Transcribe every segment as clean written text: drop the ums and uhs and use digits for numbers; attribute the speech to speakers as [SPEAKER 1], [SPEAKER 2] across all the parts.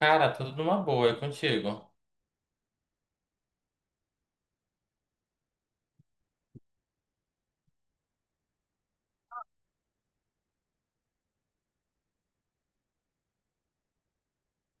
[SPEAKER 1] Cara, tudo numa boa, e contigo?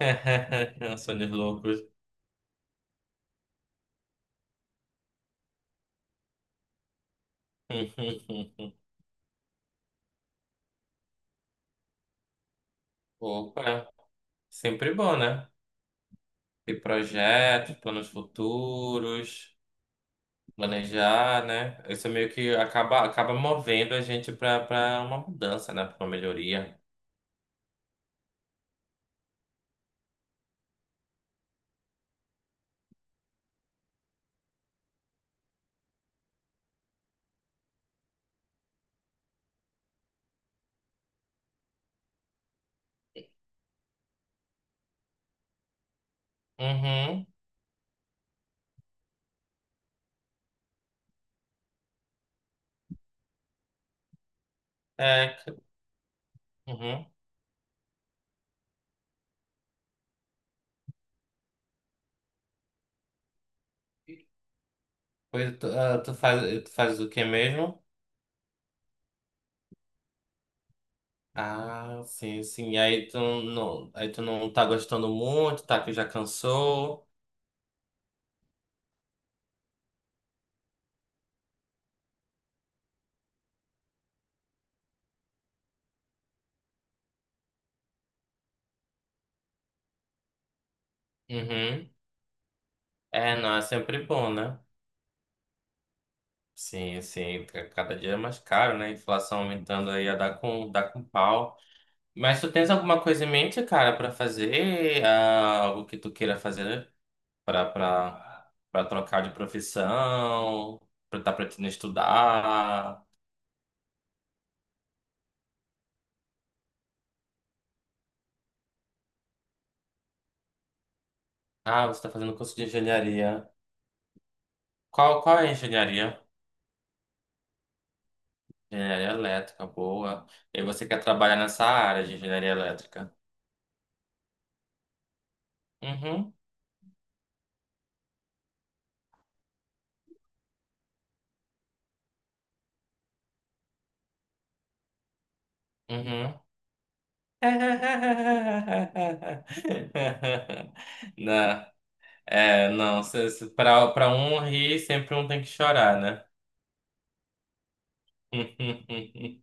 [SPEAKER 1] Sonhos loucos. Opa, sempre bom, né? Ter projetos, planos futuros, planejar, né? Isso meio que acaba movendo a gente para uma mudança, né? Para uma melhoria. Uhum, é, c- uhum. Pois tu faz o que mesmo? Ah, sim, sim. E aí tu não tá gostando muito, tá? Que já cansou. Uhum. É, não, é sempre bom, né? Sim, sim, cada dia é mais caro, né? Inflação aumentando aí, a dá com pau. Mas tu tens alguma coisa em mente, cara, pra fazer? Ah, algo que tu queira fazer pra trocar de profissão? Pra tá pretendendo estudar? Ah, você tá fazendo curso de engenharia. Qual é a engenharia? Engenharia elétrica, boa. E você quer trabalhar nessa área de engenharia elétrica? Uhum, uhum. Não, é, não, se- se- pra para um rir, sempre um tem que chorar, né?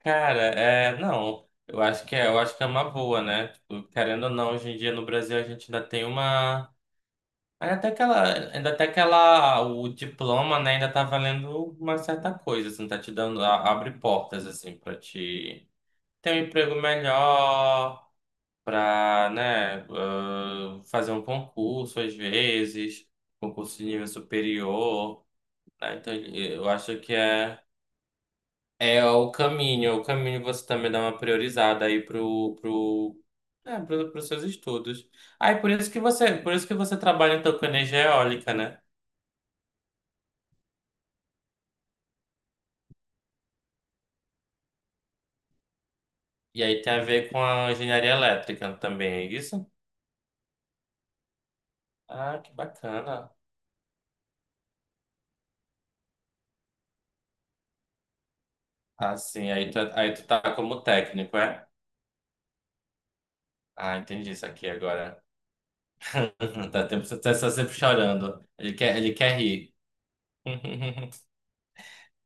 [SPEAKER 1] Cara, é, não, eu acho que é uma boa, né? Tipo, querendo ou não, hoje em dia no Brasil a gente ainda tem uma, ainda até aquela, o diploma, né, ainda tá valendo uma certa coisa, assim, tá te dando, abre portas, assim, pra te ter um emprego melhor, para, né, fazer um concurso às vezes, concurso de nível superior, né? Então eu acho que é o caminho você também dá uma priorizada aí pro pros seus estudos. Ah, e por isso que você trabalha então com energia eólica, né? E aí tem a ver com a engenharia elétrica também, é isso? Ah, que bacana. Ah, sim, aí tu tá como técnico, é? Ah, entendi isso aqui agora. Você tá só sempre chorando. Ele quer rir.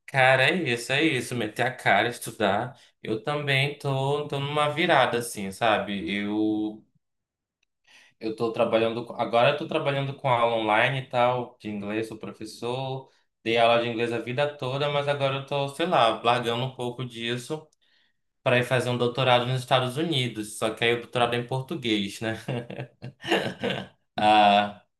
[SPEAKER 1] Cara, é isso, é isso. Meter a cara, estudar. Eu também tô numa virada, assim, sabe? Eu Agora eu tô trabalhando com aula online e tal, de inglês, sou professor. Dei aula de inglês a vida toda, mas agora eu tô, sei lá, largando um pouco disso para ir fazer um doutorado nos Estados Unidos. Só que aí o doutorado é em português, né?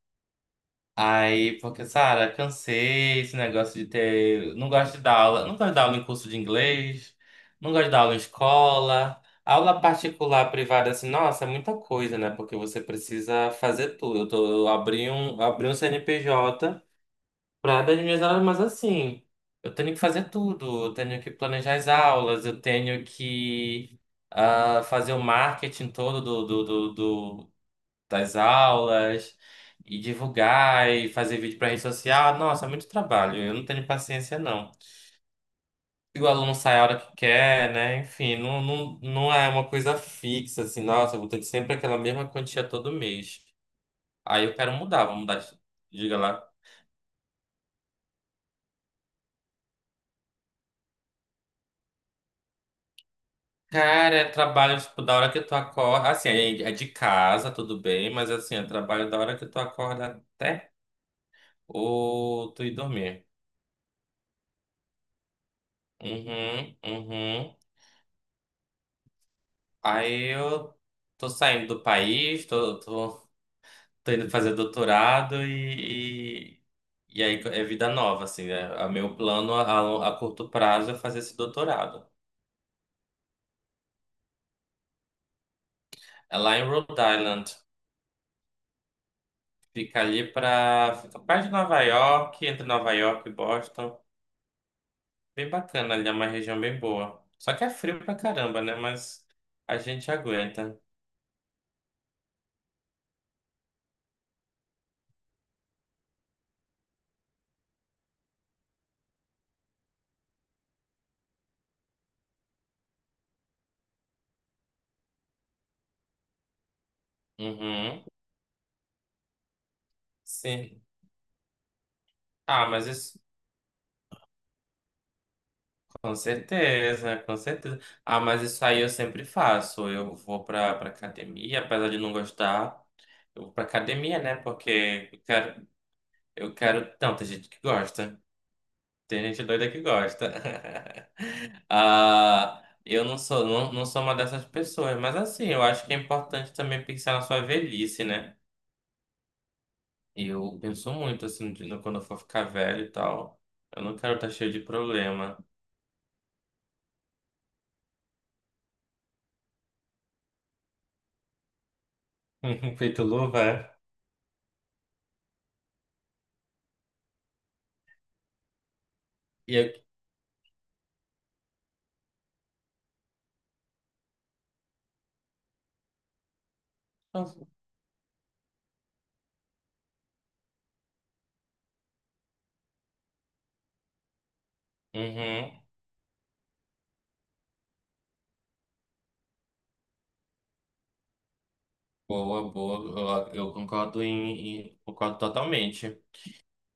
[SPEAKER 1] Aí, porque, Sara, cansei esse negócio de ter. Não gosto de dar aula. Não gosto de dar aula em curso de inglês. Não gosto de dar aula em escola. Aula particular, privada, assim, nossa, é muita coisa, né? Porque você precisa fazer tudo. Eu abri um CNPJ para dar as minhas aulas, mas assim, eu tenho que fazer tudo. Eu tenho que planejar as aulas, eu tenho que fazer o marketing todo do das aulas e divulgar e fazer vídeo para rede social. Nossa, é muito trabalho. Eu não tenho paciência, não. E o aluno sai a hora que quer, né? Enfim, não é uma coisa fixa, assim, nossa, eu vou ter que sempre aquela mesma quantia todo mês. Aí eu quero mudar, vou mudar. Diga lá. Cara, é trabalho, tipo, da hora que tu acorda. Assim, é de casa, tudo bem, mas assim, é trabalho da hora que tu acorda até ou tu ir dormir. Uhum, uhum. Aí eu tô saindo do país, tô indo fazer doutorado e aí é vida nova, assim, né? A meu plano a curto prazo é fazer esse doutorado. É lá em Rhode Island. Fica ali pra... Fica perto de Nova York, entre Nova York e Boston. Bem bacana ali, é uma região bem boa. Só que é frio pra caramba, né? Mas a gente aguenta. Uhum. Sim. Ah, mas isso... Com certeza, com certeza. Ah, mas isso aí eu sempre faço. Eu vou pra academia, apesar de não gostar. Eu vou pra academia, né? Porque eu quero. Não, tem gente que gosta. Tem gente doida que gosta. Ah, eu não sou, não, não sou uma dessas pessoas. Mas assim, eu acho que é importante também pensar na sua velhice, né? Eu penso muito, assim, quando eu for ficar velho e tal. Eu não quero estar cheio de problema. Feito luva, é? E eu... Uhum. Boa, boa. Eu concordo totalmente.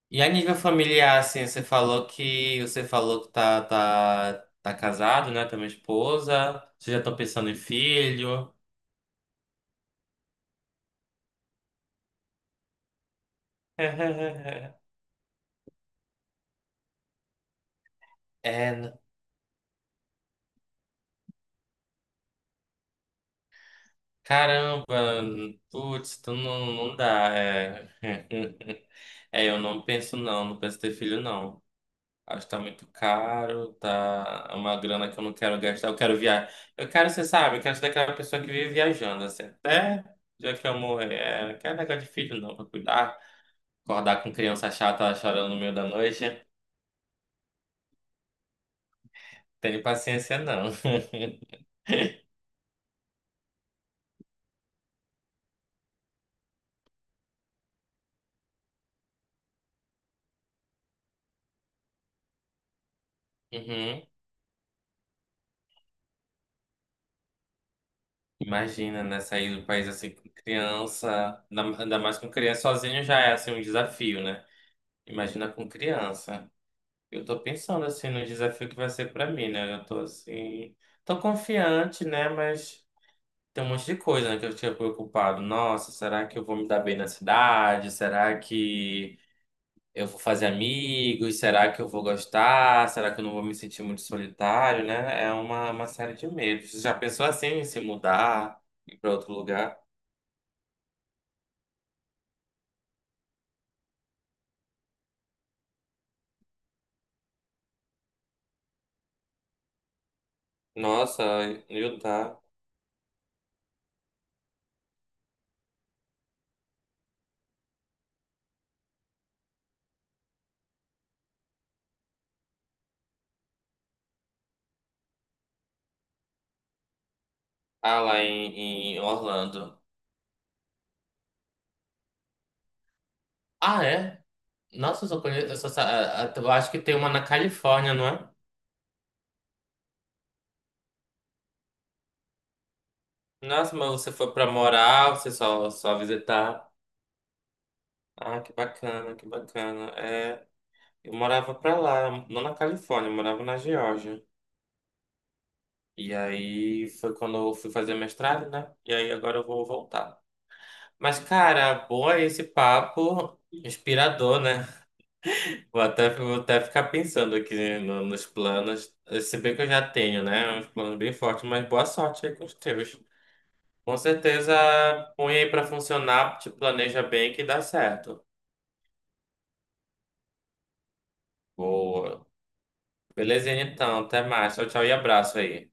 [SPEAKER 1] E a nível familiar, assim, você falou que tá, tá, tá casado, né? Tem uma esposa. Você já estão pensando em filho? É, n- caramba, putz, tu não, não dá. É. É, eu não penso não, não penso ter filho não. Acho que tá muito caro, tá é uma grana que eu não quero gastar, eu quero viajar. Eu quero, você sabe, eu quero ser daquela pessoa que vive viajando, assim, até já que eu morrer, é, não quero negócio de filho não, pra cuidar, acordar com criança chata chorando no meio da noite, tenho paciência não. Uhum. Imagina, né, sair do país assim com criança, ainda mais com criança sozinho já é assim um desafio, né? Imagina com criança. Eu tô pensando assim no desafio que vai ser pra mim, né? Eu tô assim, tô confiante, né? Mas tem um monte de coisa, né, que eu tinha preocupado. Nossa, será que eu vou me dar bem na cidade? Será que eu vou fazer amigos? Será que eu vou gostar? Será que eu não vou me sentir muito solitário, né? É uma série de medos. Você já pensou assim em se mudar, ir pra outro lugar? Nossa, em Utah. Ah, lá em, em Orlando. Ah, é? Nossa, eu só conheço. Eu, só, sa- a- eu acho que tem uma na Califórnia, não é? Nossa, mas você foi pra morar, só visitar. Ah, que bacana, que bacana. É, eu morava pra lá, não na Califórnia, eu morava na Geórgia. E aí foi quando eu fui fazer mestrado, né? E aí agora eu vou voltar. Mas, cara, boa esse papo inspirador, né? Vou até ficar pensando aqui nos planos. Se bem que eu já tenho, né? Uns planos bem fortes, mas boa sorte aí com os teus. Com certeza, põe aí pra funcionar, te planeja bem que dá certo. Boa. Belezinha então, até mais. Tchau, tchau e abraço aí.